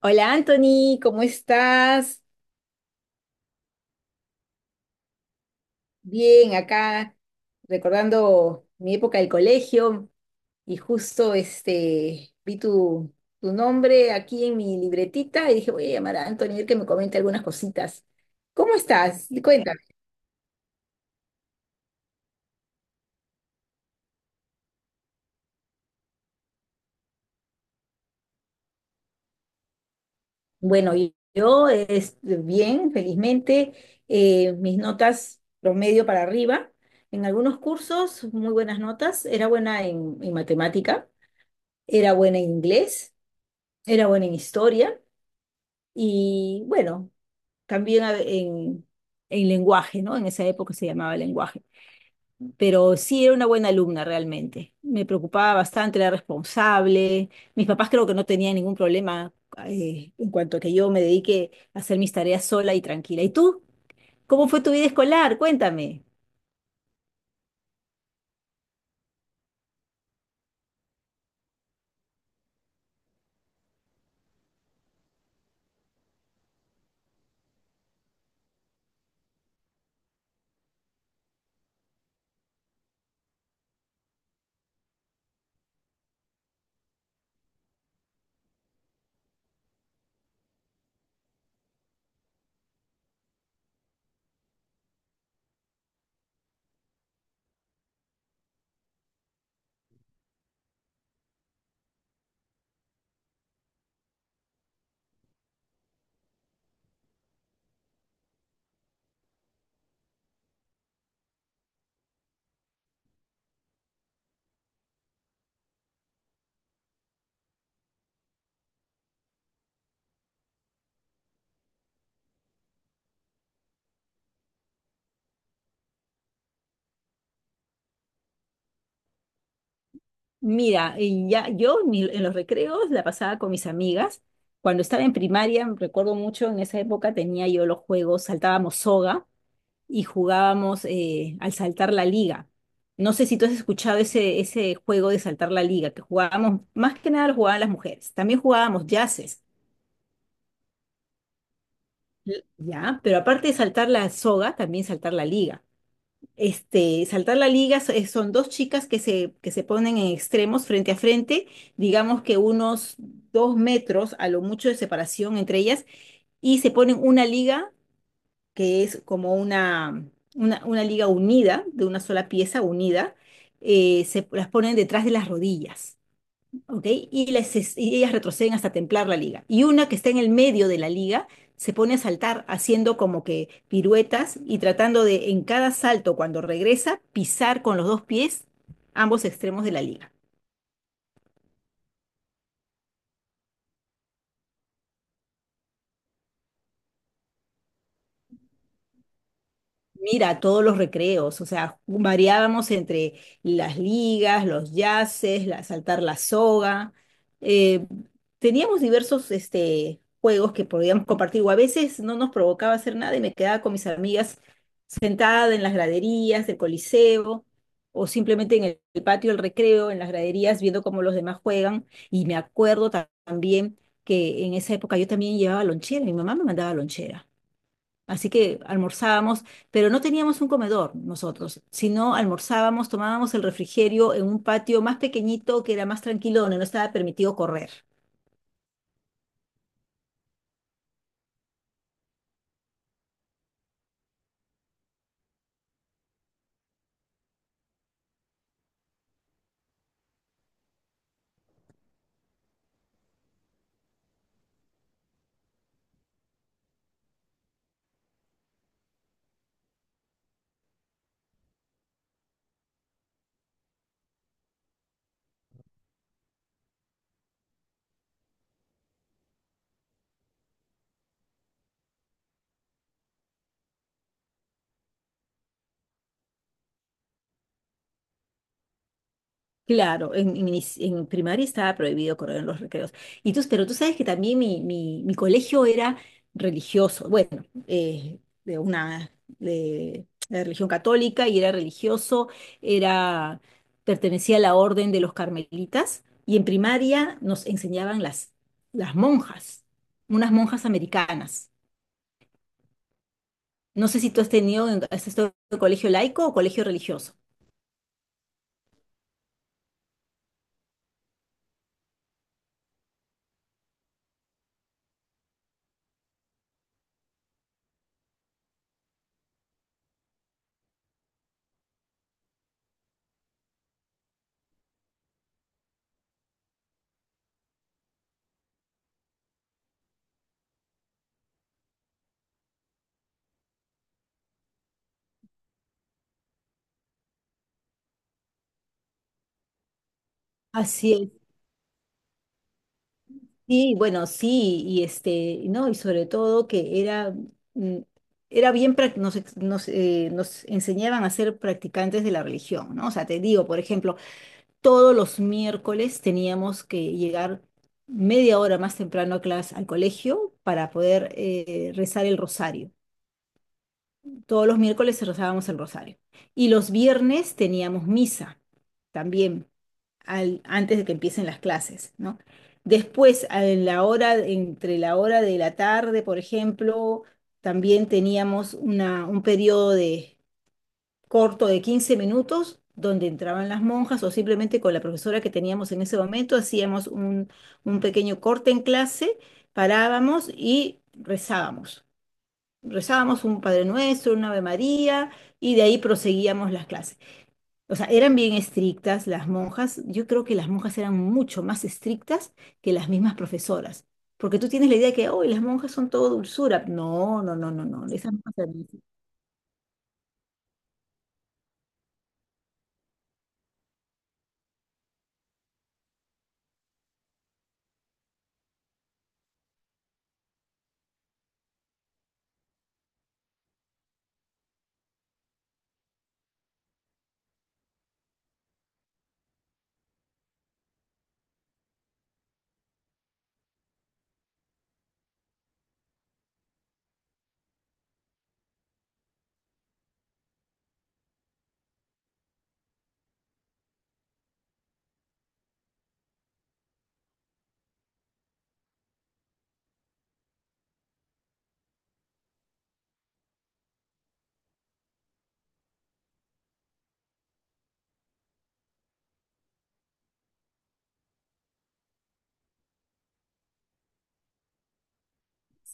Hola Anthony, ¿cómo estás? Bien, acá recordando mi época del colegio y justo vi tu nombre aquí en mi libretita y dije voy a llamar a Anthony a ver que me comente algunas cositas. ¿Cómo estás? Cuéntame. Bueno, yo bien, felizmente, mis notas promedio para arriba. En algunos cursos, muy buenas notas. Era buena en matemática, era buena en inglés, era buena en historia. Y bueno, también en lenguaje, ¿no? En esa época se llamaba lenguaje. Pero sí era una buena alumna realmente. Me preocupaba bastante, era responsable. Mis papás creo que no tenían ningún problema en cuanto a que yo me dedique a hacer mis tareas sola y tranquila. ¿Y tú? ¿Cómo fue tu vida escolar? Cuéntame. Mira, y ya, yo en los recreos la pasaba con mis amigas. Cuando estaba en primaria, me recuerdo mucho, en esa época tenía yo los juegos, saltábamos soga y jugábamos al saltar la liga. No sé si tú has escuchado ese juego de saltar la liga, que jugábamos, más que nada lo jugaban las mujeres. También jugábamos yaces, ¿ya? Pero aparte de saltar la soga, también saltar la liga. Este, saltar la liga son dos chicas que se ponen en extremos frente a frente, digamos que unos dos metros a lo mucho de separación entre ellas, y se ponen una liga que es como una liga unida, de una sola pieza unida, se las ponen detrás de las rodillas, ¿ok? Y, ellas retroceden hasta templar la liga. Y una que está en el medio de la liga se pone a saltar haciendo como que piruetas y tratando de en cada salto, cuando regresa, pisar con los dos pies ambos extremos de la liga. Mira, todos los recreos, o sea, variábamos entre las ligas, los yaces, saltar la soga. eh, teníamos diversos juegos que podíamos compartir, o a veces no nos provocaba hacer nada y me quedaba con mis amigas sentada en las graderías del Coliseo, o simplemente en el patio del recreo, en las graderías, viendo cómo los demás juegan. Y me acuerdo también que en esa época yo también llevaba lonchera, mi mamá me mandaba lonchera. Así que almorzábamos, pero no teníamos un comedor nosotros, sino almorzábamos, tomábamos el refrigerio en un patio más pequeñito que era más tranquilo, donde no estaba permitido correr. Claro, en primaria estaba prohibido correr en los recreos. Pero tú sabes que también mi colegio era religioso, bueno, de religión católica y era religioso, era, pertenecía a la orden de los carmelitas y en primaria nos enseñaban las monjas, unas monjas americanas. No sé si tú has tenido, has estado en colegio laico o colegio religioso. Así sí, bueno, sí, y no, y sobre todo que era, mm, era bien, nos enseñaban a ser practicantes de la religión, ¿no? O sea, te digo, por ejemplo, todos los miércoles teníamos que llegar media hora más temprano a clase, al colegio para poder rezar el rosario. Todos los miércoles rezábamos el rosario. Y los viernes teníamos misa también, antes de que empiecen las clases, ¿no? Después, a en la hora, entre la hora de la tarde, por ejemplo, también teníamos un periodo corto de 15 minutos donde entraban las monjas o simplemente con la profesora que teníamos en ese momento hacíamos un pequeño corte en clase, parábamos y rezábamos un Padre Nuestro, una Ave María, y de ahí proseguíamos las clases. O sea, eran bien estrictas las monjas. Yo creo que las monjas eran mucho más estrictas que las mismas profesoras. Porque tú tienes la idea de que, ¡oh!, las monjas son todo dulzura. No, no, no, no, no. Esas monjas eran.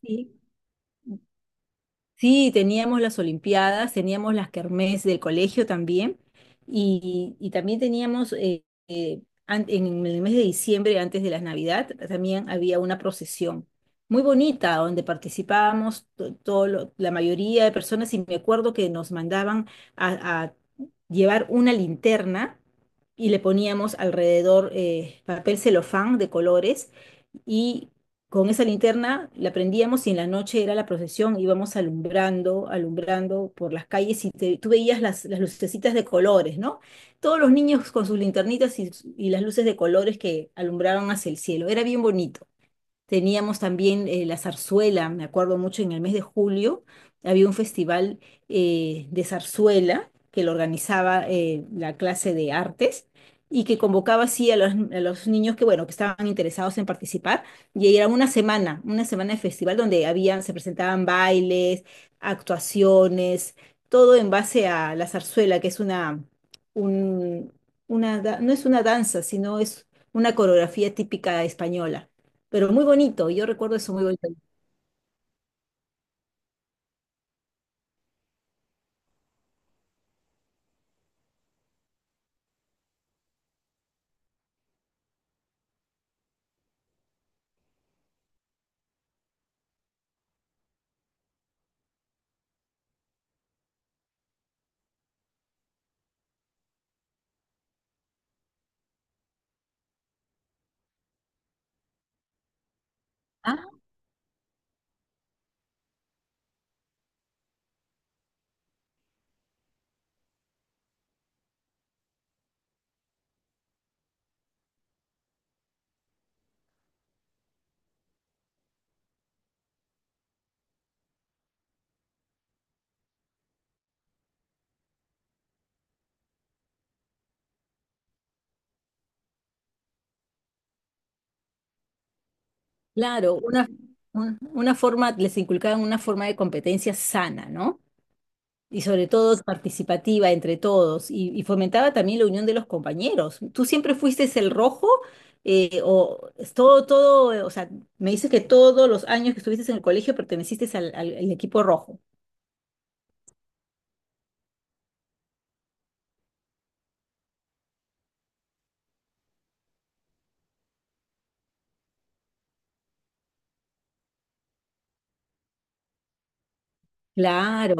Sí, sí, teníamos las olimpiadas, teníamos las kermés del colegio también, y también teníamos en el mes de diciembre, antes de las Navidad, también había una procesión muy bonita donde participábamos la mayoría de personas, y me acuerdo que nos mandaban a, llevar una linterna y le poníamos alrededor papel celofán de colores y con esa linterna la prendíamos y en la noche era la procesión, íbamos alumbrando, alumbrando por las calles y tú veías las lucecitas de colores, ¿no? Todos los niños con sus linternitas y las luces de colores que alumbraban hacia el cielo, era bien bonito. Teníamos también la zarzuela, me acuerdo mucho, en el mes de julio había un festival de zarzuela que lo organizaba la clase de artes y que convocaba así a a los niños que, bueno, que estaban interesados en participar. Y ahí era una semana de festival donde había, se presentaban bailes, actuaciones, todo en base a la zarzuela, que es una, un- una, da- no es una danza, sino es una coreografía típica española, pero muy bonito, yo recuerdo eso muy bonito. Ah, claro, una forma, les inculcaban una forma de competencia sana, ¿no? Y sobre todo participativa entre todos, y fomentaba también la unión de los compañeros. ¿Tú siempre fuiste el rojo? O sea, me dices que todos los años que estuviste en el colegio perteneciste al equipo rojo. Claro,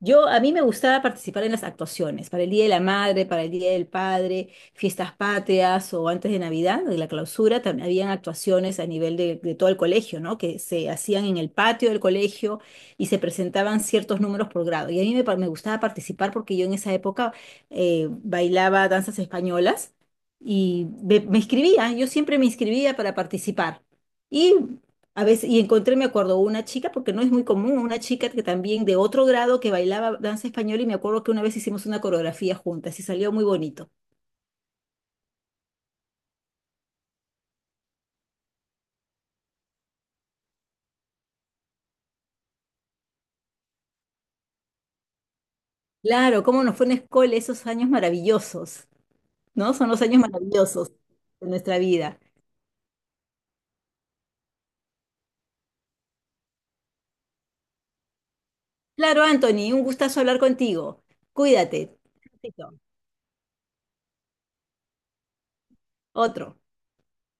yo, a mí me gustaba participar en las actuaciones, para el Día de la Madre, para el Día del Padre, fiestas patrias o antes de Navidad, de la clausura, también habían actuaciones a nivel de todo el colegio, ¿no? Que se hacían en el patio del colegio y se presentaban ciertos números por grado. Y a mí me gustaba participar porque yo en esa época bailaba danzas españolas me inscribía, yo siempre me inscribía para participar. Y encontré, me acuerdo, una chica, porque no es muy común, una chica que también de otro grado que bailaba danza española y me acuerdo que una vez hicimos una coreografía juntas y salió muy bonito. Claro, cómo nos fue en la escuela esos años maravillosos, ¿no? Son los años maravillosos de nuestra vida. Claro, Anthony, un gustazo hablar contigo. Cuídate. Besito. Otro.